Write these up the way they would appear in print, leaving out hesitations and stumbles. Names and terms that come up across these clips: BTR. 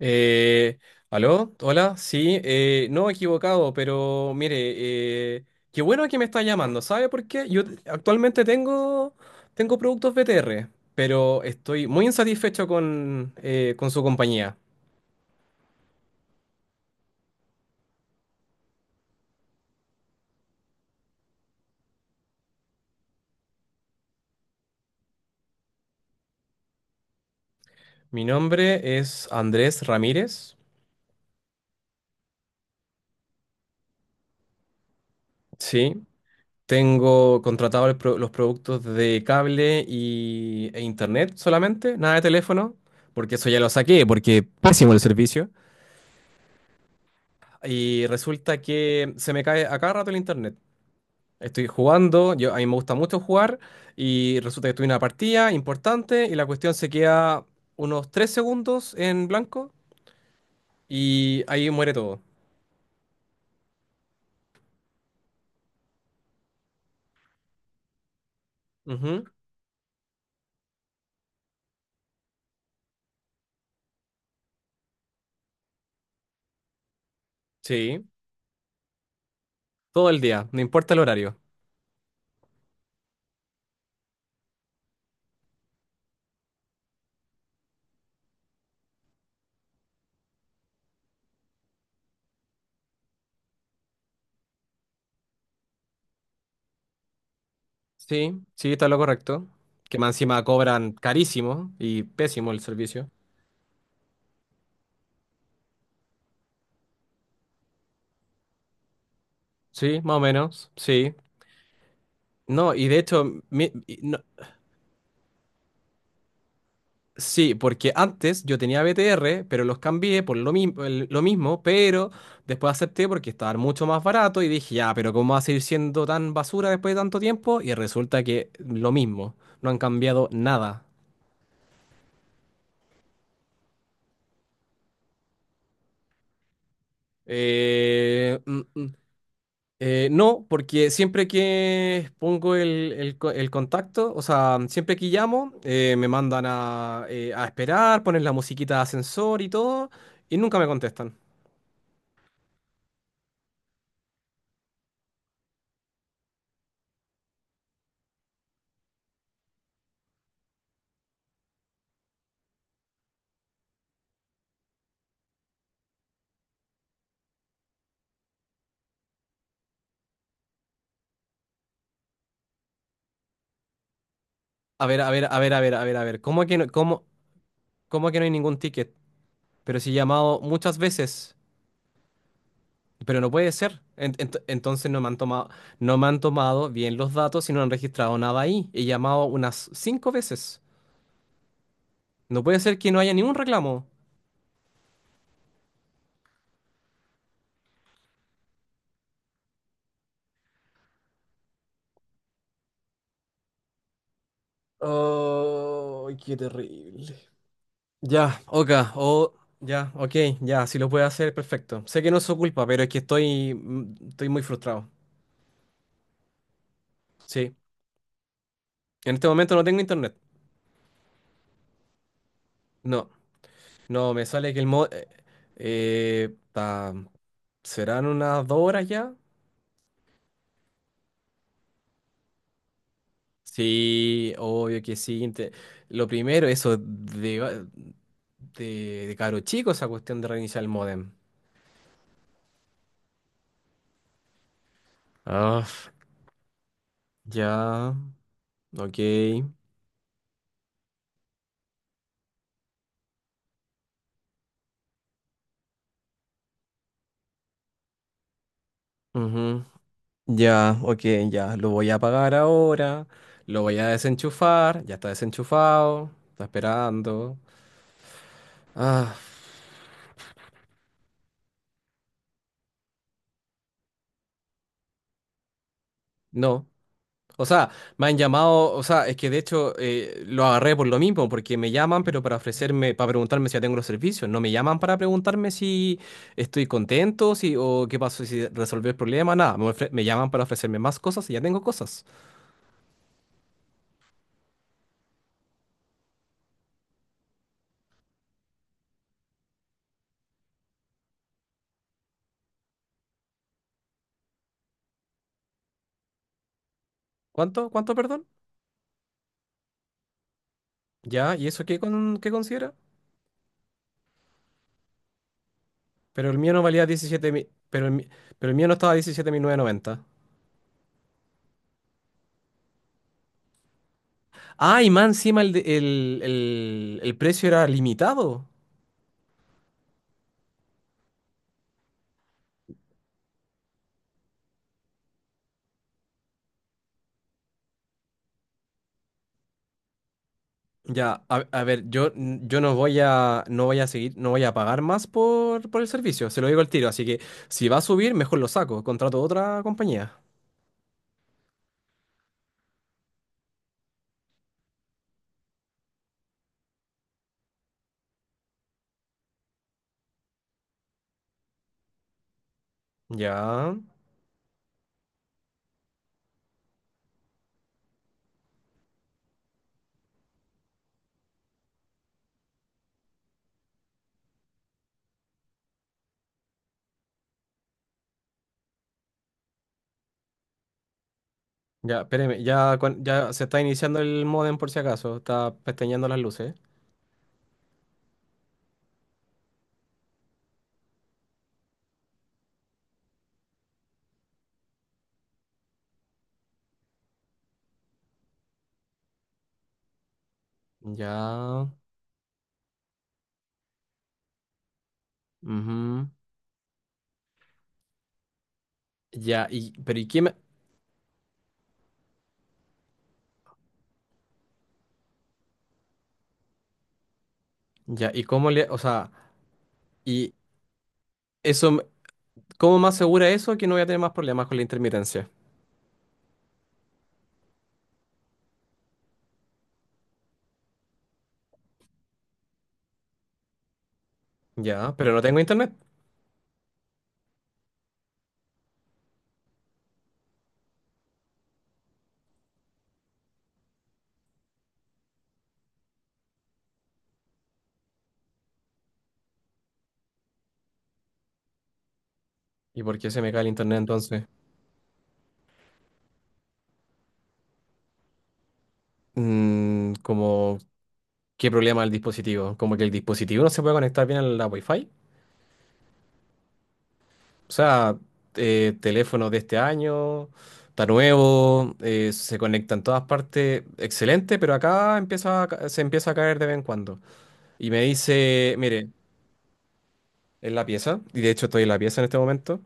Eh, ¿Aló? Hola, sí, no equivocado, pero mire, qué bueno que me está llamando, ¿sabe por qué? Actualmente tengo productos BTR, pero estoy muy insatisfecho con su compañía. Mi nombre es Andrés Ramírez, sí, tengo contratado los productos de cable e internet solamente, nada de teléfono, porque eso ya lo saqué, porque pésimo el servicio. Y resulta que se me cae a cada rato el internet. Estoy jugando, yo, a mí me gusta mucho jugar, y resulta que tuve una partida importante y la cuestión se queda unos 3 segundos en blanco y ahí muere todo. Ujú. Sí, todo el día, no importa el horario. Sí, sí, está lo correcto. Que más encima cobran carísimo y pésimo el servicio. Sí, más o menos, sí. No, y de hecho, mi- y no- sí, porque antes yo tenía BTR, pero los cambié por lo mismo, pero después acepté porque estaban mucho más barato y dije, ya, pero ¿cómo va a seguir siendo tan basura después de tanto tiempo? Y resulta que lo mismo, no han cambiado nada. Eh, mm, mm, no, porque siempre que pongo el contacto, o sea, siempre que llamo, me mandan a esperar, ponen la musiquita de ascensor y todo, y nunca me contestan. A ver, a ver, a ver, a ver, a ver, a ver. ¿Cómo que no? ¿Cómo? ¿Cómo que no hay ningún ticket? Pero si he llamado muchas veces, pero no puede ser. Entonces no me han tomado, no me han tomado bien los datos y no han registrado nada ahí. He llamado unas cinco veces. No puede ser que no haya ningún reclamo. Oh, qué terrible. Ya, oka, o ya, ok, ya, si lo puede hacer, perfecto. Sé que no es su culpa, pero es que estoy, estoy muy frustrado. Sí. En este momento no tengo internet. No. No, me sale que eh, ta- ¿serán unas dos horas ya? Sí, obvio que sí. Lo primero, eso de caro chico, esa cuestión de reiniciar el modem. Ah, ya, ok. Ujú. Ya, ok, ya. Lo voy a apagar ahora. Lo voy a desenchufar. Ya está desenchufado. Está esperando. Ah, no. O sea, me han llamado, o sea, es que de hecho lo agarré por lo mismo, porque me llaman, pero para ofrecerme, para preguntarme si ya tengo los servicios. No me llaman para preguntarme si estoy contento, si, o qué pasó, si resolví el problema, nada. Me llaman para ofrecerme más cosas y ya tengo cosas. ¿Cuánto? ¿Cuánto, perdón? Ya, ¿y eso qué, con, qué considera? Pero el mío no valía 17 mil, pero pero el mío no estaba 17.990. Ah, y más encima el, de- el precio era limitado. Ya, a ver, yo no voy a, no voy a seguir, no voy a pagar más por el servicio, se lo digo al tiro, así que si va a subir, mejor lo saco, contrato otra compañía. Ya, ya, espéreme, ya, ya se está iniciando el modem por si acaso, está pestañeando las luces. Ya, ujú. Ya, y, pero ya, y cómo le, o sea, y eso, me- ¿cómo me asegura eso que no voy a tener más problemas con la intermitencia? Ya, pero no tengo internet. ¿Y por qué se me cae el internet entonces? Mm, como ¿Qué problema el dispositivo? Como que el dispositivo no se puede conectar bien a la Wi-Fi. O sea, teléfonos de este año, está nuevo, se conecta en todas partes, excelente, pero acá se empieza a caer de vez en cuando. Y me dice, mire, en la pieza, y de hecho estoy en la pieza en este momento.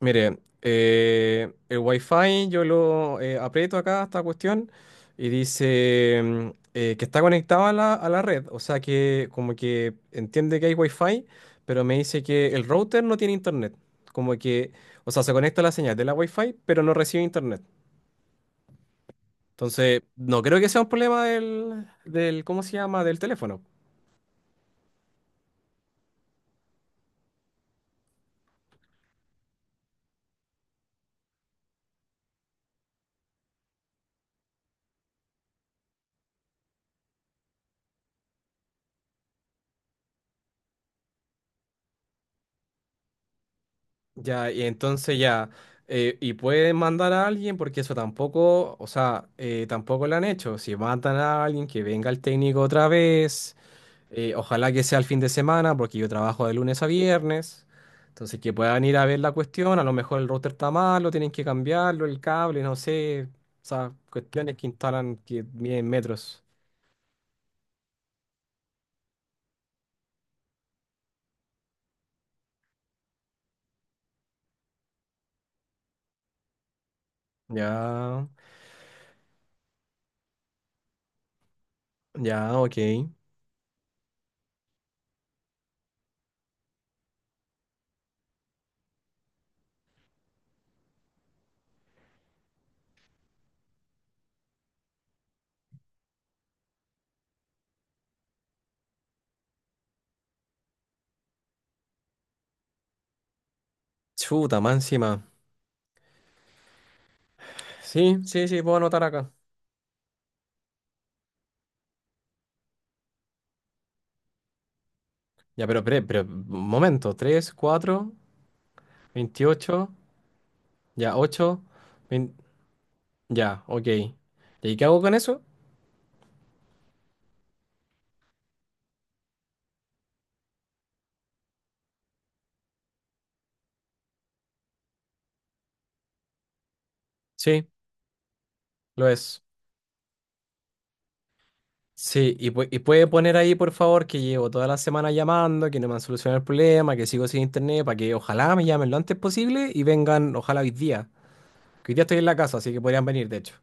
Mire, el Wi-Fi yo lo aprieto acá, esta cuestión, y dice que está conectado a la red. O sea que como que entiende que hay Wi-Fi, pero me dice que el router no tiene internet. Como que, o sea, se conecta a la señal de la Wi-Fi, pero no recibe internet. Entonces, no creo que sea un problema ¿cómo se llama? Del teléfono. Ya, y entonces ya, y pueden mandar a alguien, porque eso tampoco, o sea, tampoco lo han hecho. Si mandan a alguien, que venga el técnico otra vez, ojalá que sea el fin de semana, porque yo trabajo de lunes a viernes. Entonces, que puedan ir a ver la cuestión, a lo mejor el router está malo, tienen que cambiarlo, el cable, no sé, o sea, cuestiones que instalan que miden metros. Ya, ya, ok. Chuta, más encima. Sí, sí, sí, puedo anotar acá. Ya, pero, un momento, 3, 4, 28, ya, 8, ya, ok. ¿Y ahí qué hago con eso? Sí, lo es. Sí, y, y puede poner ahí, por favor, que llevo toda la semana llamando, que no me han solucionado el problema, que sigo sin internet, para que ojalá me llamen lo antes posible y vengan, ojalá hoy día. Que hoy día estoy en la casa, así que podrían venir, de hecho.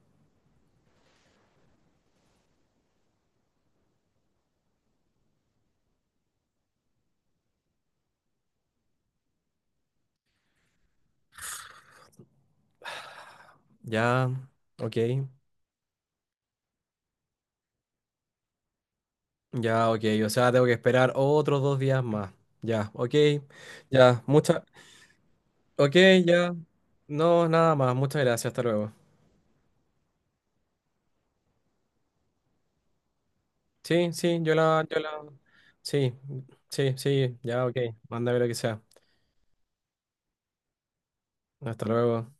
Ya, ok, ya, ok. O sea, tengo que esperar otros dos días más. Ya, ok, ya, muchas, ok, ya. No, nada más. Muchas gracias. Hasta luego. Sí, sí, yo la. Sí, sí, sí, ya, ok. Mándame lo que sea. Hasta luego.